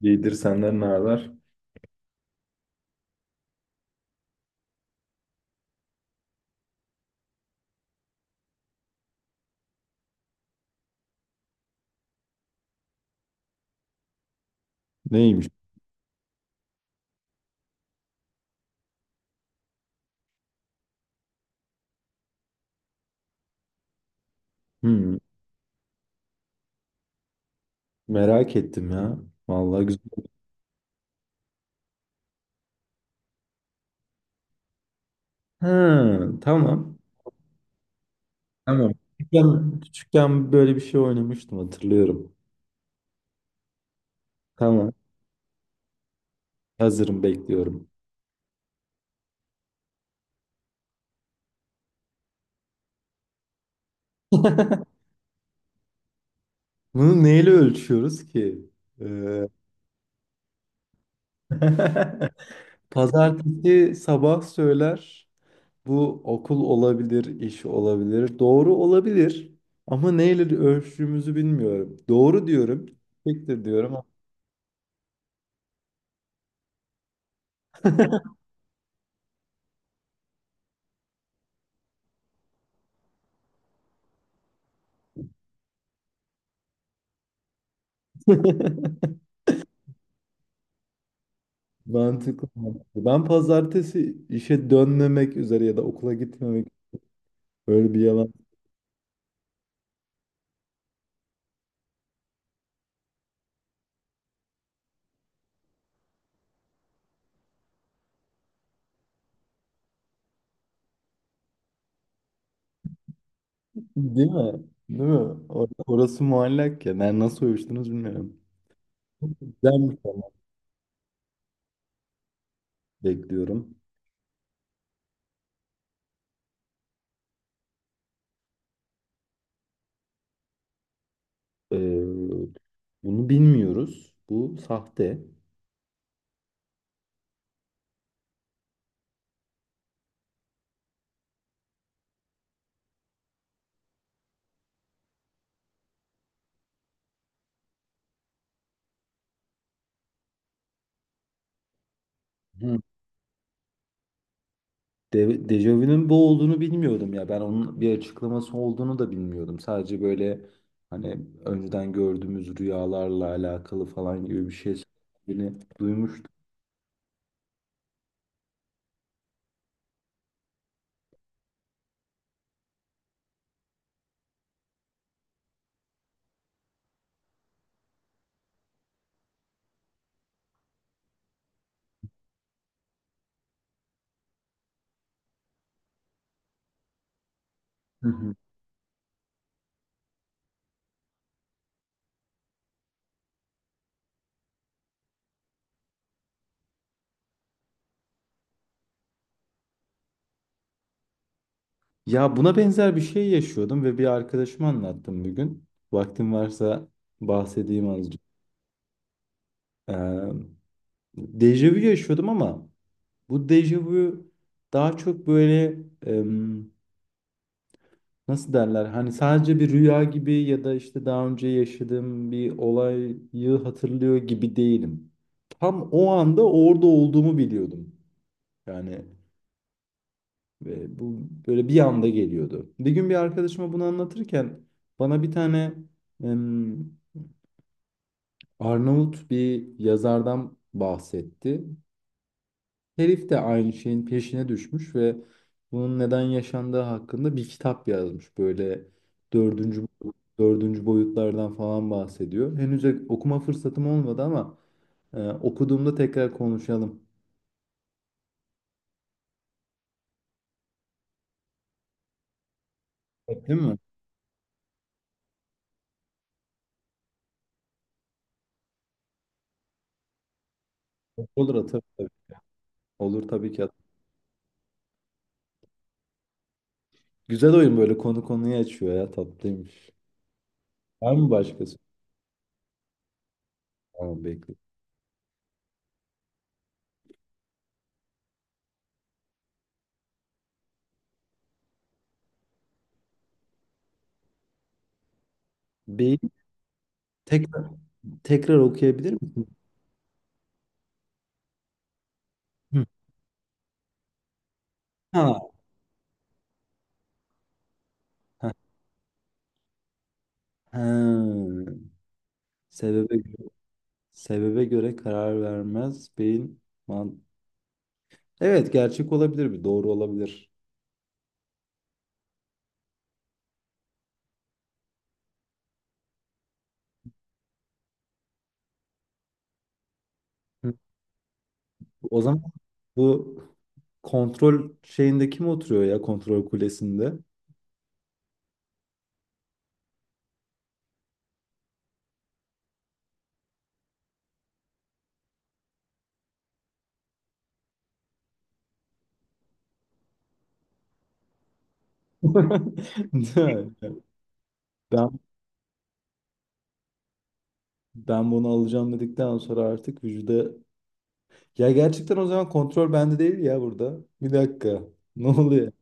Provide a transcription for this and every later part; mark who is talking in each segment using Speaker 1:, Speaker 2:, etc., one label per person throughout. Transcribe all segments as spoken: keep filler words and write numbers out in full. Speaker 1: İyidir senden ne haber? Neymiş? Hmm, merak ettim ya. Vallahi güzel. Ha, tamam. Tamam. Küçükken, küçükken böyle bir şey oynamıştım hatırlıyorum. Tamam. Hazırım bekliyorum. Bunu neyle ölçüyoruz ki? Ee, Pazartesi sabah söyler. Bu okul olabilir, iş olabilir. Doğru olabilir. Ama neyle ölçtüğümüzü bilmiyorum. Doğru diyorum. Tektir diyorum. Mantıklı, mantıklı. Ben pazartesi işe dönmemek üzere ya da okula gitmemek böyle bir yalan. Değil mi? Değil mi? Or- Orası muallak ya. Ben nasıl uyuştunuz bilmiyorum. Güzel bir format bekliyorum. Ee, bunu bilmiyoruz. Bu sahte. Hı. De Dejavu'nun bu olduğunu bilmiyordum ya. Ben onun bir açıklaması olduğunu da bilmiyordum. Sadece böyle hani önceden gördüğümüz rüyalarla alakalı falan gibi bir şey söylediğini duymuştum. Hı hı. Ya buna benzer bir şey yaşıyordum ve bir arkadaşıma anlattım bugün. Vaktim varsa bahsedeyim azıcık. Ee, dejavu yaşıyordum ama bu dejavu daha çok böyle em, nasıl derler? Hani sadece bir rüya gibi ya da işte daha önce yaşadığım bir olayı hatırlıyor gibi değilim. Tam o anda orada olduğumu biliyordum. Yani ve bu böyle bir anda geliyordu. Bir gün bir arkadaşıma bunu anlatırken bana bir tane Arnavut bir yazardan bahsetti. Herif de aynı şeyin peşine düşmüş ve bunun neden yaşandığı hakkında bir kitap yazmış. Böyle dördüncü, dördüncü boyutlardan falan bahsediyor. Henüz okuma fırsatım olmadı ama e, okuduğumda tekrar konuşalım. Değil mi? Olur atarım tabii. Olur tabii ki atarım. Güzel oyun böyle konu konuyu açıyor ya tatlıymış. Var mı başkası? Tamam bekle. Bir tekrar, tekrar okuyabilir misin? Hı. Ha. Ha, sebebe sebebe göre karar vermez beyin man. Evet, gerçek olabilir bir doğru olabilir. Hı. O zaman bu kontrol şeyinde kim oturuyor ya kontrol kulesinde? Değil mi? Ben ben bunu alacağım dedikten sonra artık vücuda. Ya gerçekten o zaman kontrol bende değil ya burada. Bir dakika. Ne oluyor?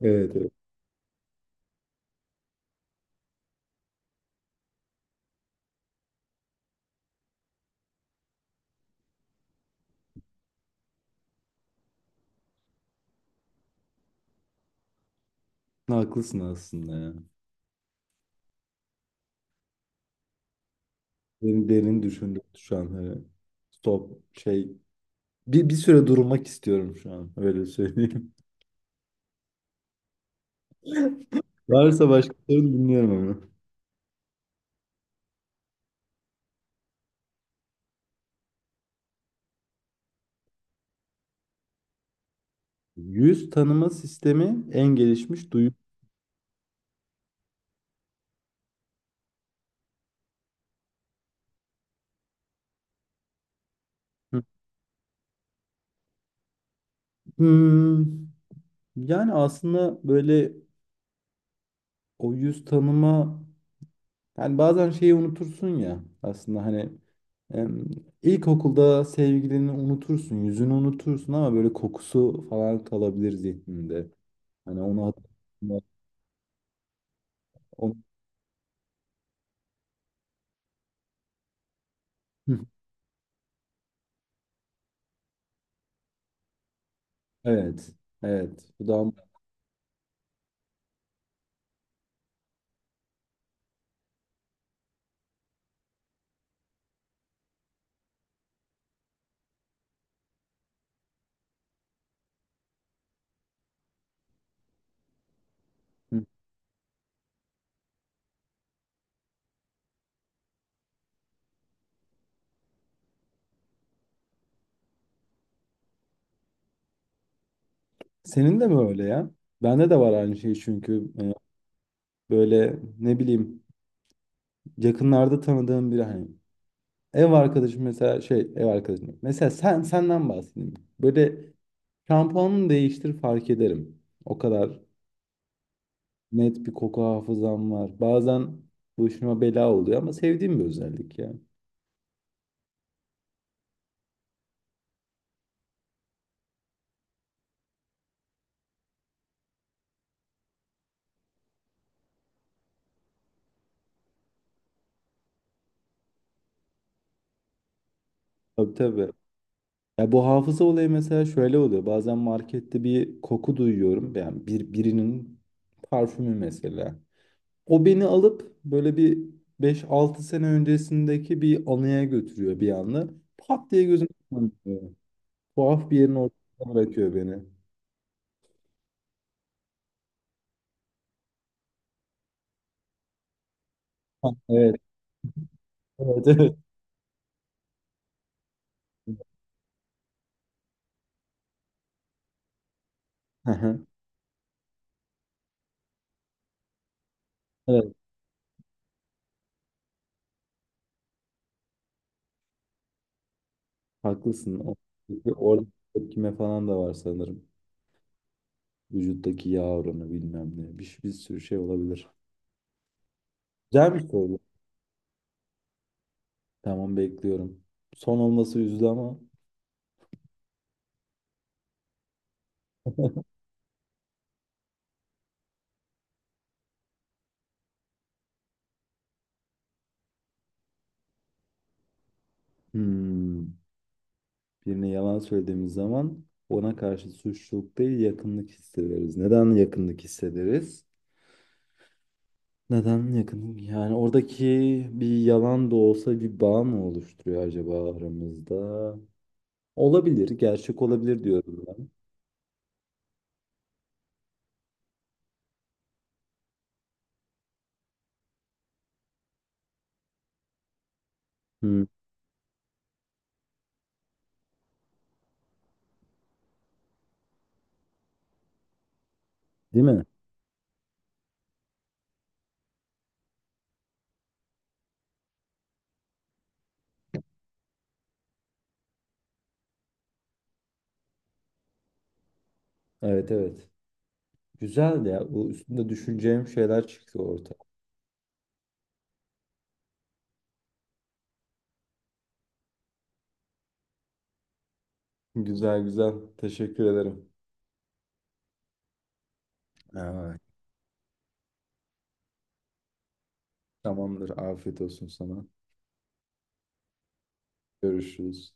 Speaker 1: Evet, evet. Haklısın aslında ya. Derin, derin düşündüm şu an. Hani stop şey. Bir, bir süre durmak istiyorum şu an. Öyle söyleyeyim. Varsa başka sorun dinliyorum ama. Yüz tanıma sistemi en gelişmiş duyu. Hı. Hmm, yani aslında böyle o yüz tanıma. Yani bazen şeyi unutursun ya aslında hani em, ilkokulda sevgilini unutursun, yüzünü unutursun ama böyle kokusu falan kalabilir zihninde. Hani onu hatırlamak. onu- Hı, evet. Evet. Bu da. Hı. Senin de mi öyle ya? Bende de var aynı şey çünkü e, böyle ne bileyim yakınlarda tanıdığım biri hani ev arkadaşım mesela şey ev arkadaşım mesela sen senden bahsedeyim. Böyle şampuanını değiştir fark ederim. O kadar net bir koku hafızam var. Bazen başıma bela oluyor ama sevdiğim bir özellik ya. Tabii tabii. Ya bu hafıza olayı mesela şöyle oluyor. Bazen markette bir koku duyuyorum. Yani bir, birinin parfümü mesela. O beni alıp böyle bir beş altı sene öncesindeki bir anıya götürüyor bir anda. Pat diye gözüm kapanıyor. Tuhaf bir yerin ortasına bırakıyor beni. Ha, evet. Evet, evet. Hı hı. Evet, haklısın. O- Orada tepkime falan da var sanırım. Vücuttaki yağ oranı bilmem ne. Bir, bir sürü şey olabilir. Güzel bir soru. Tamam bekliyorum. Son olması üzücü ama hmm, birine yalan söylediğimiz zaman ona karşı suçluluk değil yakınlık hissederiz. Neden yakınlık hissederiz? Neden yakınlık? Yani oradaki bir yalan da olsa bir bağ mı oluşturuyor acaba aramızda? Olabilir, gerçek olabilir diyorum ben. Hmm, değil mi? Evet evet. Güzel ya. Bu üstünde düşüneceğim şeyler çıktı ortaya. Güzel güzel. Teşekkür ederim. Aa, tamamdır. Afiyet olsun sana. Görüşürüz.